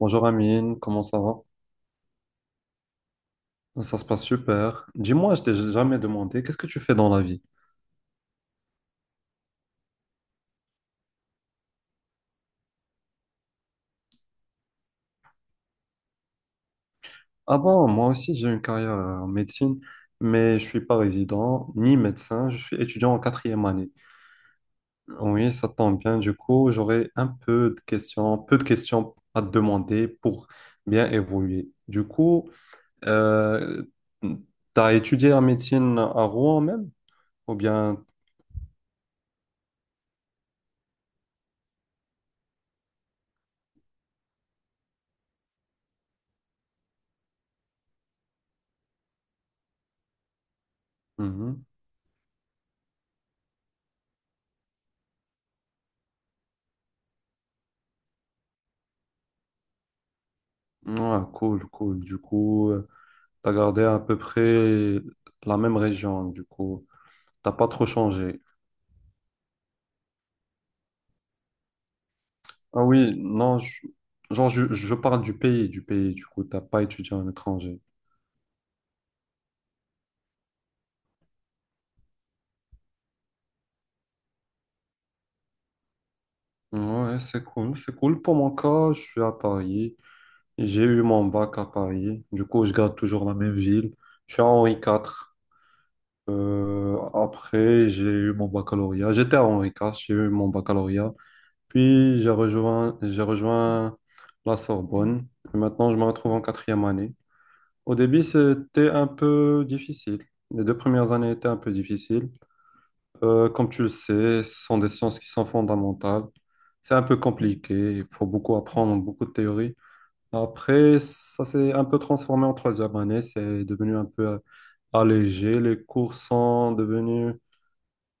Bonjour Amine, comment ça va? Ça se passe super. Dis-moi, je t'ai jamais demandé, qu'est-ce que tu fais dans la vie? Ah bon, moi aussi j'ai une carrière en médecine, mais je suis pas résident ni médecin, je suis étudiant en quatrième année. Oui, ça tombe bien, du coup, j'aurai un peu de questions à te demander pour bien évoluer. Du coup, euh, t'as étudié la médecine à Rouen même? Ou bien... Mhm. Ah, cool, cool. Du coup. T'as gardé à peu près la même région, du coup. T'as pas trop changé. Ah oui, non, genre, je parle du pays, du pays, du coup. T'as pas étudié à l'étranger. Ouais, c'est cool, c'est cool. Pour mon cas, je suis à Paris. J'ai eu mon bac à Paris. Du coup, je garde toujours la même ville. Je suis à Henri IV. Après, j'ai eu mon baccalauréat. J'étais à Henri IV, j'ai eu mon baccalauréat. Puis, j'ai rejoint la Sorbonne. Et maintenant, je me retrouve en quatrième année. Au début, c'était un peu difficile. Les deux premières années étaient un peu difficiles. Comme tu le sais, ce sont des sciences qui sont fondamentales. C'est un peu compliqué, il faut beaucoup apprendre, beaucoup de théorie. Après, ça s'est un peu transformé en troisième année, c'est devenu un peu allégé. Les cours sont devenus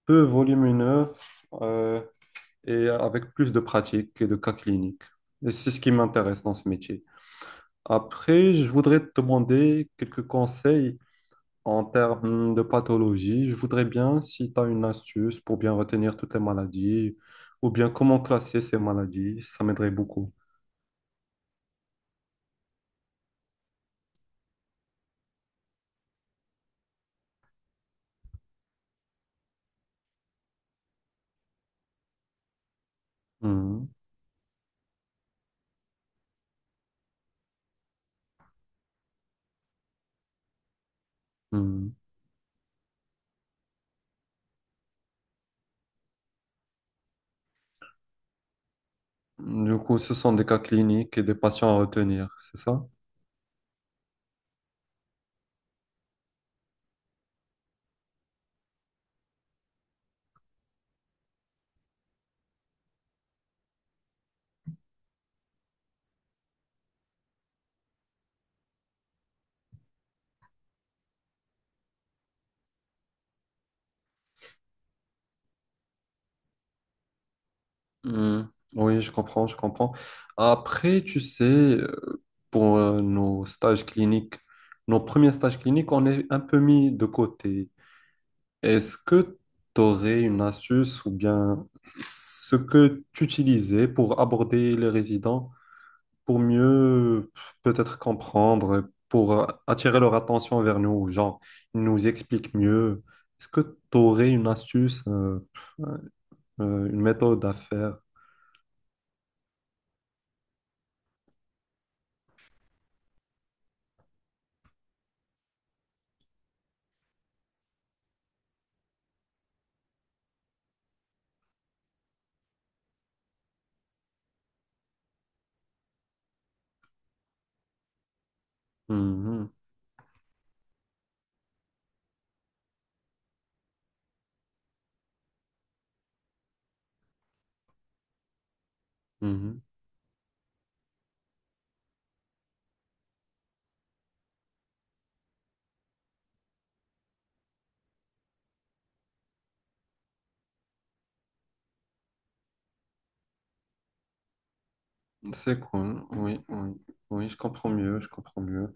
peu volumineux euh, et avec plus de pratique et de cas cliniques. Et c'est ce qui m'intéresse dans ce métier. Après, je voudrais te demander quelques conseils. En termes de pathologie, je voudrais bien, si tu as une astuce pour bien retenir toutes les maladies, ou bien comment classer ces maladies, ça m'aiderait beaucoup. Mhm, mhm. Du coup, ce sont des cas cliniques et des patients à retenir, c'est ça? Mhm. Oui, je comprends, je comprends. Après, tu sais, pour nos stages cliniques, nos premiers stages cliniques, on est un peu mis de côté. Est-ce que tu aurais une astuce ou bien ce que tu utilisais pour aborder les résidents, pour mieux peut-être comprendre, pour attirer leur attention vers nous, genre ils nous expliquent mieux. Est-ce que tu aurais une astuce, une méthode à faire? Mhm, mhm. C'est cool, oui, oui, oui, je comprends mieux, je comprends mieux.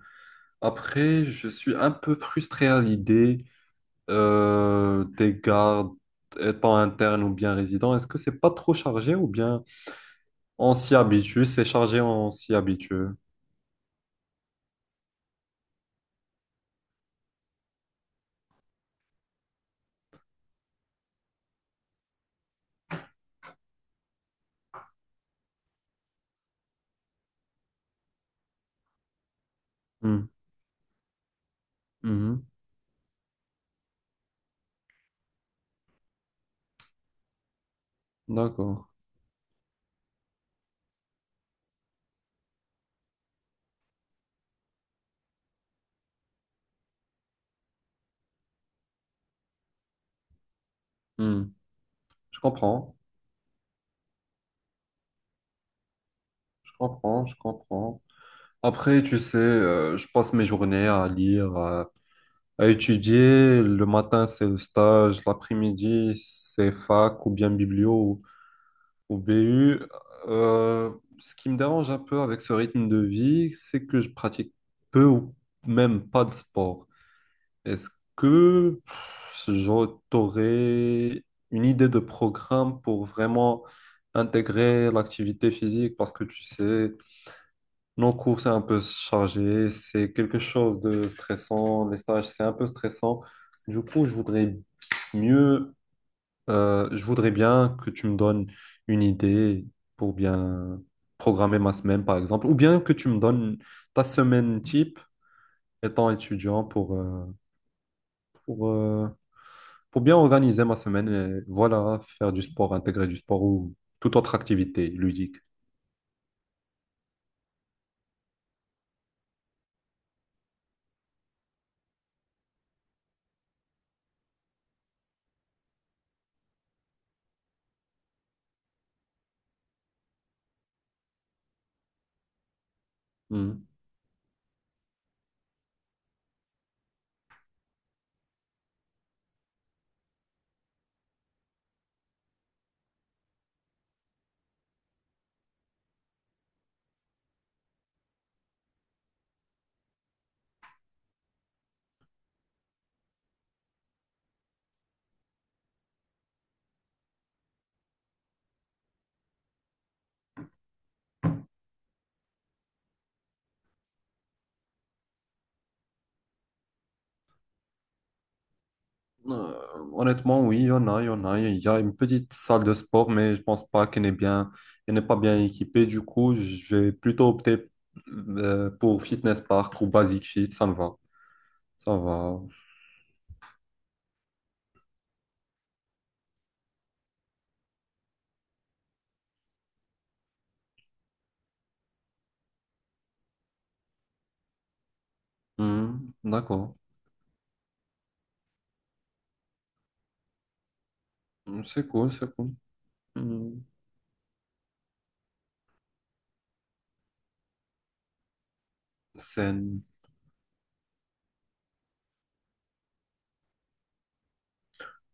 Après, je suis un peu frustré à l'idée tes gardes étant internes ou bien résidents, est-ce que c'est pas trop chargé ou bien on s'y habitue, c'est chargé, on s'y habitue? Hmm. Mhm. D'accord. Hmm. Je comprends, je comprends, je comprends. Après, tu sais, je passe mes journées à lire, à étudier. Le matin, c'est le stage, l'après-midi, c'est fac ou bien biblio au BU, euh, ce qui me dérange un peu avec ce rythme de vie, c'est que je pratique peu ou même pas de sport. Est-ce que pff, j'aurais une idée de programme pour vraiment intégrer l'activité physique? Parce que tu sais, nos cours, c'est un peu chargé, c'est quelque chose de stressant, les stages, c'est un peu stressant. Du coup, je voudrais mieux je voudrais bien que tu me donnes une idée pour bien programmer ma semaine, par exemple, ou bien que tu me donnes ta semaine type étant étudiant pour, euh, pour bien organiser ma semaine et voilà, faire du sport, intégrer du sport ou toute autre activité ludique. Mhm. Euh, Honnêtement, oui, il y en a, il y en a. Il y a une petite salle de sport, mais je pense pas qu'elle n'est bien, elle n'est pas bien équipée. Du coup, je vais plutôt opter pour Fitness Park ou Basic Fit, ça me va. Ça va. Hmm, d'accord. Hmm, c'est cool, c'est cool. Hmm, scène.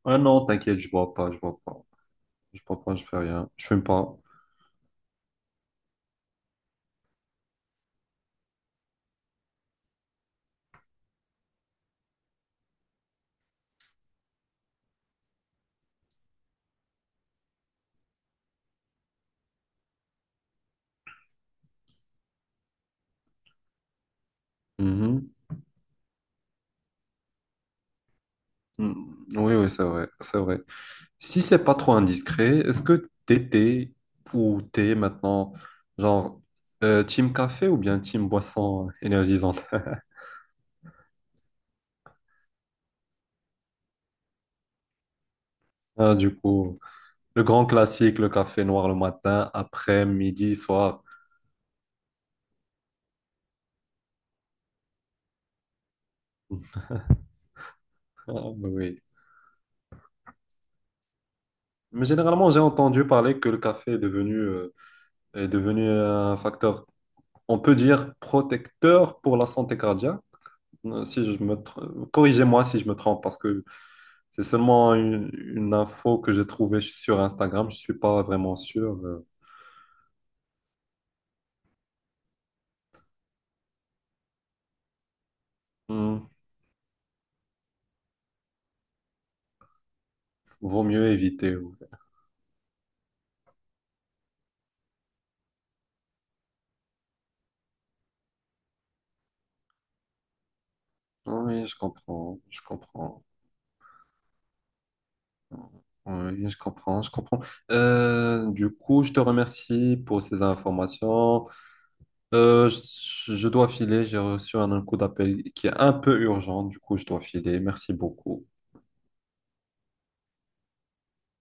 Ah non, t'inquiète, je bois pas, je bois pas. Je bois pas, je fais rien. Je fume pas. Mhm. Hmm, oui, oui, c'est vrai, c'est vrai. Si c'est pas trop indiscret, est-ce que t'étais ou t'es maintenant, genre, team café ou bien team boisson énergisante? Ah, du coup, le grand classique, le café noir le matin, après, midi, soir. Ah, bah oui. Mais généralement, j'ai entendu parler que le café est est devenu un facteur, on peut dire, protecteur pour la santé cardiaque. Si je me corrigez-moi si je me trompe, parce que c'est seulement une info que j'ai trouvée sur Instagram. Je suis pas vraiment sûr. Hmm, vaut mieux éviter. Ouais. Oui, je comprends, je comprends. Oui, je comprends, je comprends. Du coup, je te remercie pour ces informations. Euh, je dois filer, j'ai reçu un coup d'appel qui est un peu urgent, du coup je dois filer. Merci beaucoup.